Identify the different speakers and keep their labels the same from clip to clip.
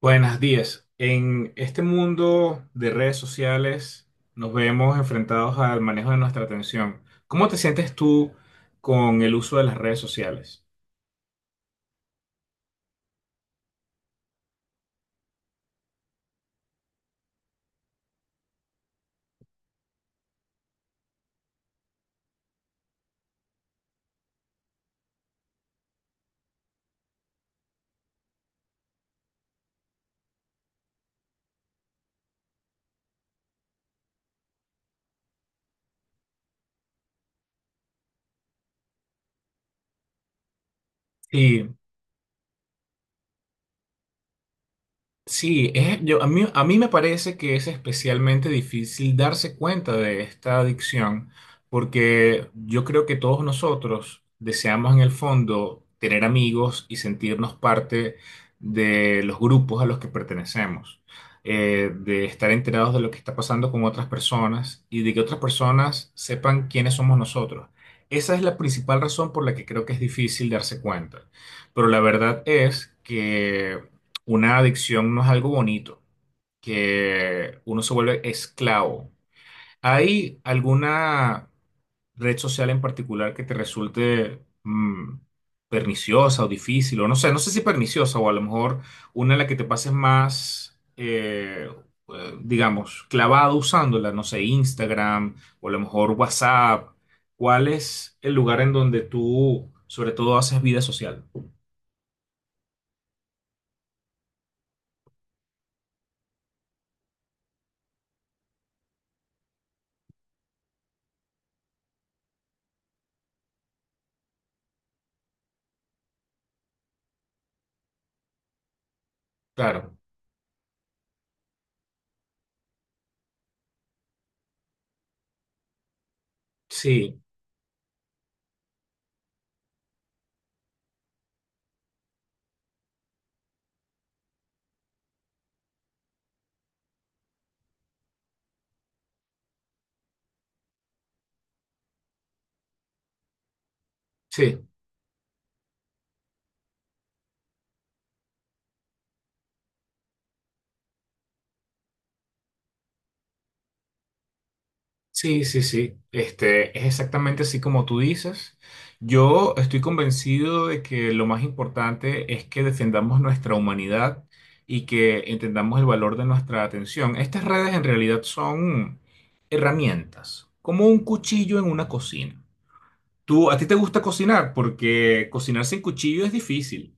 Speaker 1: Buenas días. En este mundo de redes sociales nos vemos enfrentados al manejo de nuestra atención. ¿Cómo te sientes tú con el uso de las redes sociales? Y sí, yo, a mí me parece que es especialmente difícil darse cuenta de esta adicción, porque yo creo que todos nosotros deseamos en el fondo tener amigos y sentirnos parte de los grupos a los que pertenecemos, de estar enterados de lo que está pasando con otras personas y de que otras personas sepan quiénes somos nosotros. Esa es la principal razón por la que creo que es difícil darse cuenta. Pero la verdad es que una adicción no es algo bonito, que uno se vuelve esclavo. ¿Hay alguna red social en particular que te resulte perniciosa o difícil? O no sé, no sé si perniciosa o a lo mejor una en la que te pases más, digamos, clavado usándola, no sé, Instagram o a lo mejor WhatsApp. ¿Cuál es el lugar en donde tú, sobre todo, haces vida social? Claro, sí, sí. Sí, sí, sí. Este, es exactamente así como tú dices. Yo estoy convencido de que lo más importante es que defendamos nuestra humanidad y que entendamos el valor de nuestra atención. Estas redes en realidad son herramientas, como un cuchillo en una cocina. Tú, a ti te gusta cocinar porque cocinar sin cuchillo es difícil.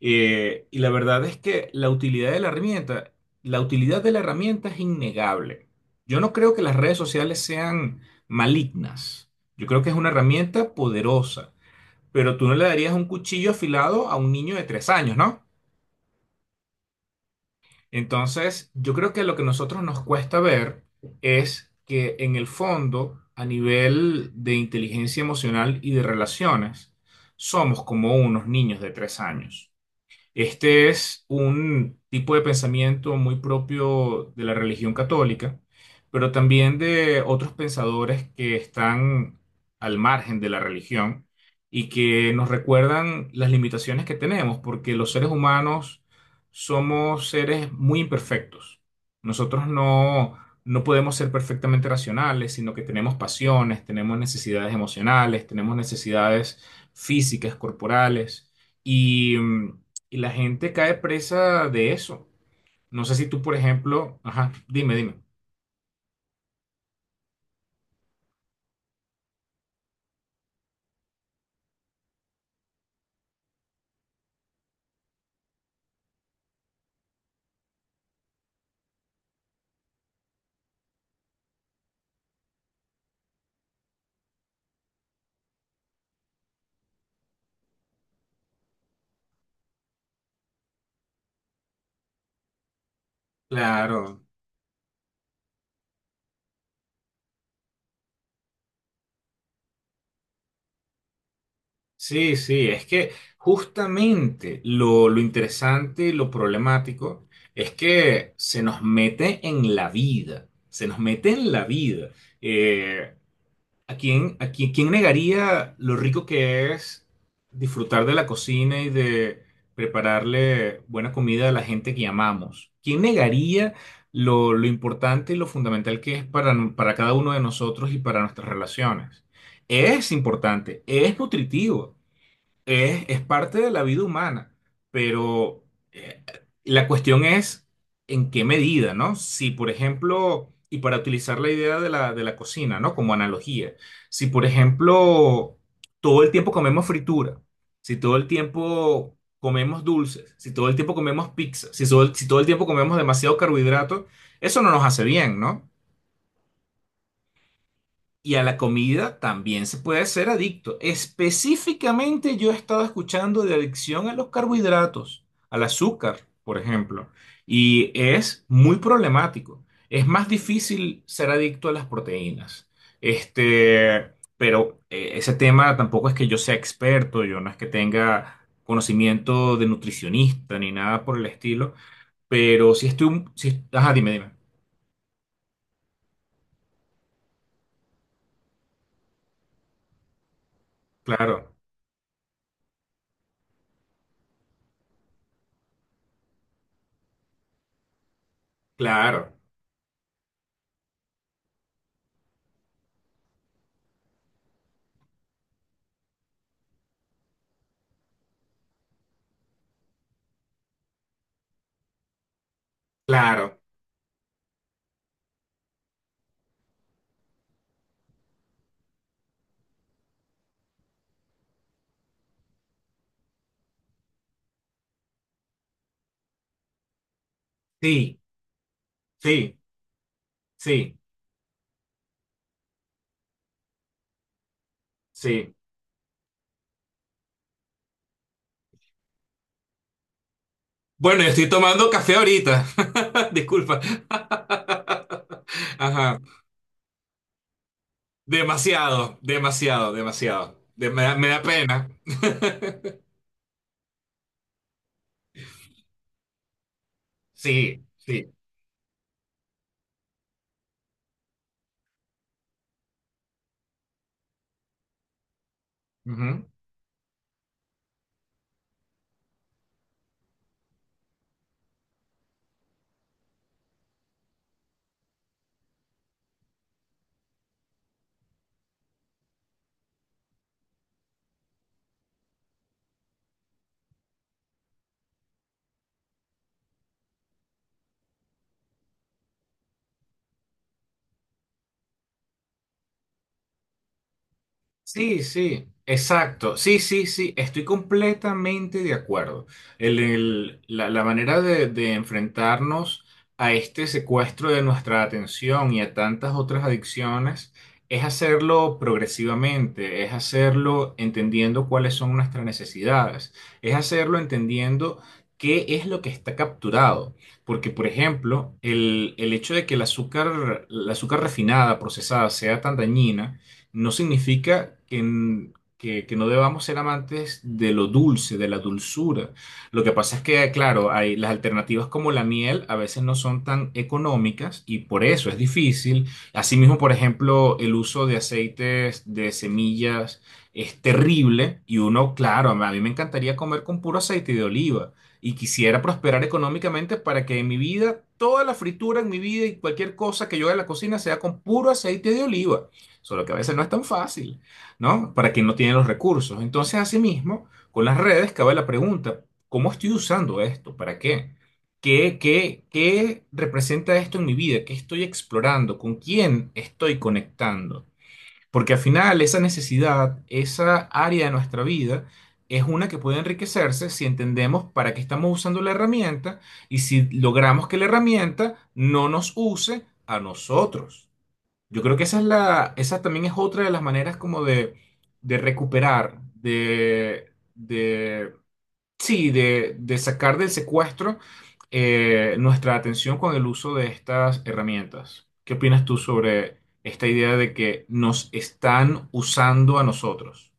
Speaker 1: Y la verdad es que la utilidad de la herramienta es innegable. Yo no creo que las redes sociales sean malignas. Yo creo que es una herramienta poderosa. Pero tú no le darías un cuchillo afilado a un niño de tres años, ¿no? Entonces, yo creo que lo que a nosotros nos cuesta ver es que en el fondo, a nivel de inteligencia emocional y de relaciones, somos como unos niños de tres años. Este es un tipo de pensamiento muy propio de la religión católica, pero también de otros pensadores que están al margen de la religión y que nos recuerdan las limitaciones que tenemos, porque los seres humanos somos seres muy imperfectos. Nosotros no, no podemos ser perfectamente racionales, sino que tenemos pasiones, tenemos necesidades emocionales, tenemos necesidades físicas, corporales. Y y la gente cae presa de eso. No sé si tú, por ejemplo, ajá, dime, dime. Claro, sí, sí, es que justamente lo interesante y lo problemático es que se nos mete en la vida. Eh, ¿A quién, quién negaría lo rico que es disfrutar de la cocina y de prepararle buena comida a la gente que amamos? ¿Quién negaría lo importante y lo fundamental que es para, para cada uno de nosotros y para nuestras relaciones? Es importante, es nutritivo. Es parte de la vida humana, pero eh, la cuestión es en qué medida, ¿no? Si, por ejemplo, y para utilizar la idea de de la cocina, ¿no? Como analogía, si, por ejemplo, todo el tiempo comemos fritura, si todo el tiempo comemos dulces, si todo el tiempo comemos pizza, si todo el tiempo comemos demasiado carbohidrato, eso no nos hace bien, ¿no? Y a la comida también se puede ser adicto. Específicamente yo he estado escuchando de adicción a los carbohidratos, al azúcar, por ejemplo, y es muy problemático. Es más difícil ser adicto a las proteínas. Este, pero ese tema tampoco es que yo sea experto, yo no es que tenga conocimiento de nutricionista ni nada por el estilo, pero si ajá, dime, dime. Claro, claro, claro. Sí, sí. Sí, sí. Bueno, yo estoy tomando café ahorita. Disculpa. Ajá. Demasiado, demasiado, demasiado. Me da pena. Sí, sí. Ujú. Sí, sí, exacto. Sí, sí, sí, estoy completamente de acuerdo. La manera de enfrentarnos a este secuestro de nuestra atención y a tantas otras adicciones es hacerlo progresivamente, es hacerlo entendiendo cuáles son nuestras necesidades, es hacerlo entendiendo qué es lo que está capturado. Porque, por ejemplo, el hecho de que el azúcar, la azúcar refinada, procesada, sea tan dañina, no significa que no debamos ser amantes de lo dulce, de la dulzura. Lo que pasa es que, claro, hay, las alternativas como la miel a veces no son tan económicas y por eso es difícil. Asimismo, por ejemplo, el uso de aceites de semillas es terrible y uno, claro, a mí me encantaría comer con puro aceite de oliva. Y quisiera prosperar económicamente para que en mi vida, toda la fritura en mi vida y cualquier cosa que yo haga en la cocina sea con puro aceite de oliva. Solo que a veces no es tan fácil, ¿no? Para quien no tiene los recursos. Entonces, asimismo, con las redes cabe la pregunta, ¿cómo estoy usando esto? ¿Para qué? Qué representa esto en mi vida? ¿Qué estoy explorando? ¿Con quién estoy conectando? Porque al final esa necesidad, esa área de nuestra vida, es una que puede enriquecerse si entendemos para qué estamos usando la herramienta y si logramos que la herramienta no nos use a nosotros. Yo creo que esa es esa también es otra de las maneras como de recuperar, sí, de sacar del secuestro nuestra atención con el uso de estas herramientas. ¿Qué opinas tú sobre esta idea de que nos están usando a nosotros?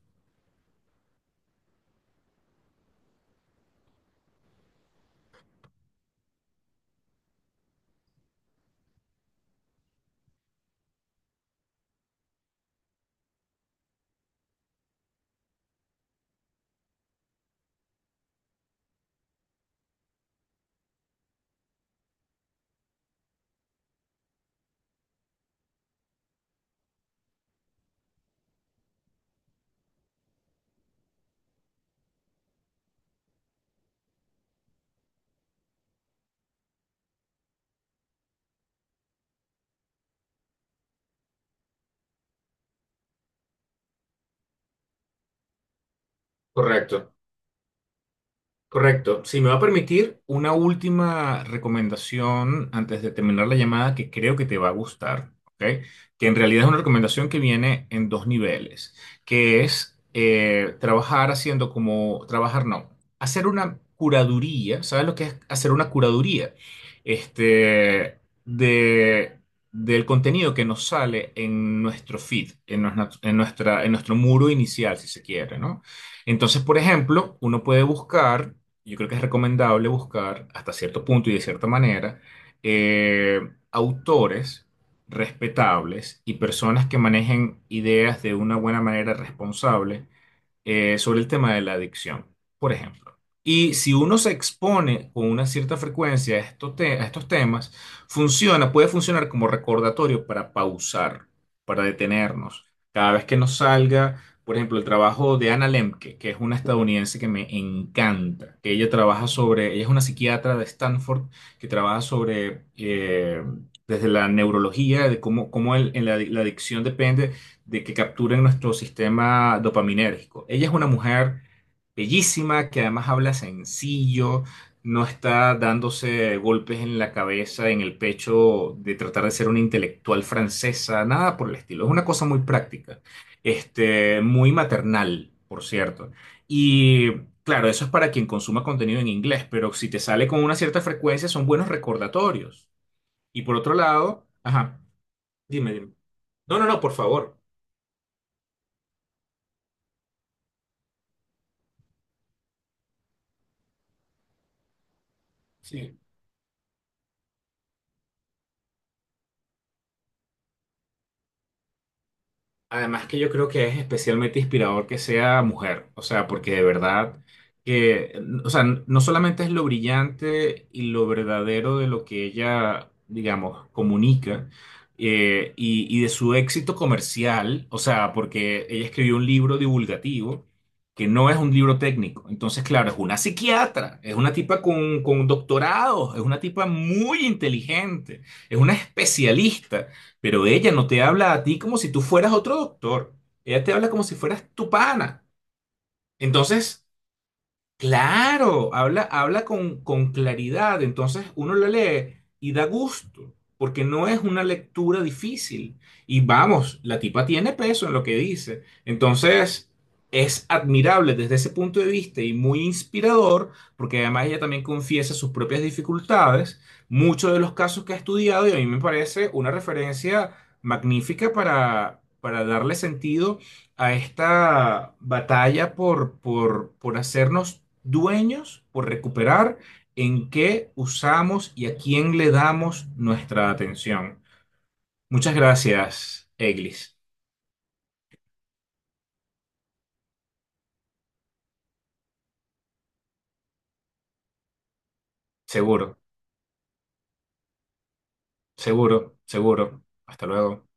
Speaker 1: Correcto. Correcto. Si me va a permitir una última recomendación antes de terminar la llamada que creo que te va a gustar, ¿ok? Que en realidad es una recomendación que viene en dos niveles, que es trabajar haciendo como, trabajar no, hacer una curaduría. ¿Sabes lo que es hacer una curaduría? Este, de, del contenido que nos sale en nuestro feed, en nuestro muro inicial, si se quiere, ¿no? Entonces, por ejemplo, uno puede buscar yo creo que es recomendable buscar hasta cierto punto y de cierta manera eh, autores respetables y personas que manejen ideas de una buena manera responsable sobre el tema de la adicción, por ejemplo. Y si uno se expone con una cierta frecuencia a a estos temas, puede funcionar como recordatorio para pausar, para detenernos. Cada vez que nos salga, por ejemplo, el trabajo de Anna Lemke, que es una estadounidense que me encanta, que ella trabaja sobre, ella es una psiquiatra de Stanford que trabaja sobre, desde la neurología, de en la adicción depende de que capturen nuestro sistema dopaminérgico. Ella es una mujer bellísima que además habla sencillo, no está dándose golpes en la cabeza, en el pecho de tratar de ser una intelectual francesa, nada por el estilo. Es una cosa muy práctica, este, muy maternal, por cierto. Y claro, eso es para quien consuma contenido en inglés, pero si te sale con una cierta frecuencia son buenos recordatorios. Y por otro lado, ajá, dime, dime. No, no, no, por favor. Sí. Además que yo creo que es especialmente inspirador que sea mujer, o sea, porque de verdad que, o sea, no solamente es lo brillante y lo verdadero de lo que ella, digamos, comunica y de su éxito comercial, o sea, porque ella escribió un libro divulgativo que no es un libro técnico, entonces, claro, es una psiquiatra, es una tipa con doctorados, es una tipa muy inteligente, es una especialista. Pero ella no te habla a ti como si tú fueras otro doctor. Ella te habla como si fueras tu pana. Entonces, claro, habla, habla con claridad, entonces uno lo lee y da gusto, porque no es una lectura difícil. Y vamos, la tipa tiene peso en lo que dice. Entonces, es admirable desde ese punto de vista y muy inspirador, porque además ella también confiesa sus propias dificultades, muchos de los casos que ha estudiado, y a mí me parece una referencia magnífica para darle sentido a esta batalla por hacernos dueños, por recuperar en qué usamos y a quién le damos nuestra atención. Muchas gracias, Eglis. Seguro, seguro, seguro. Hasta luego.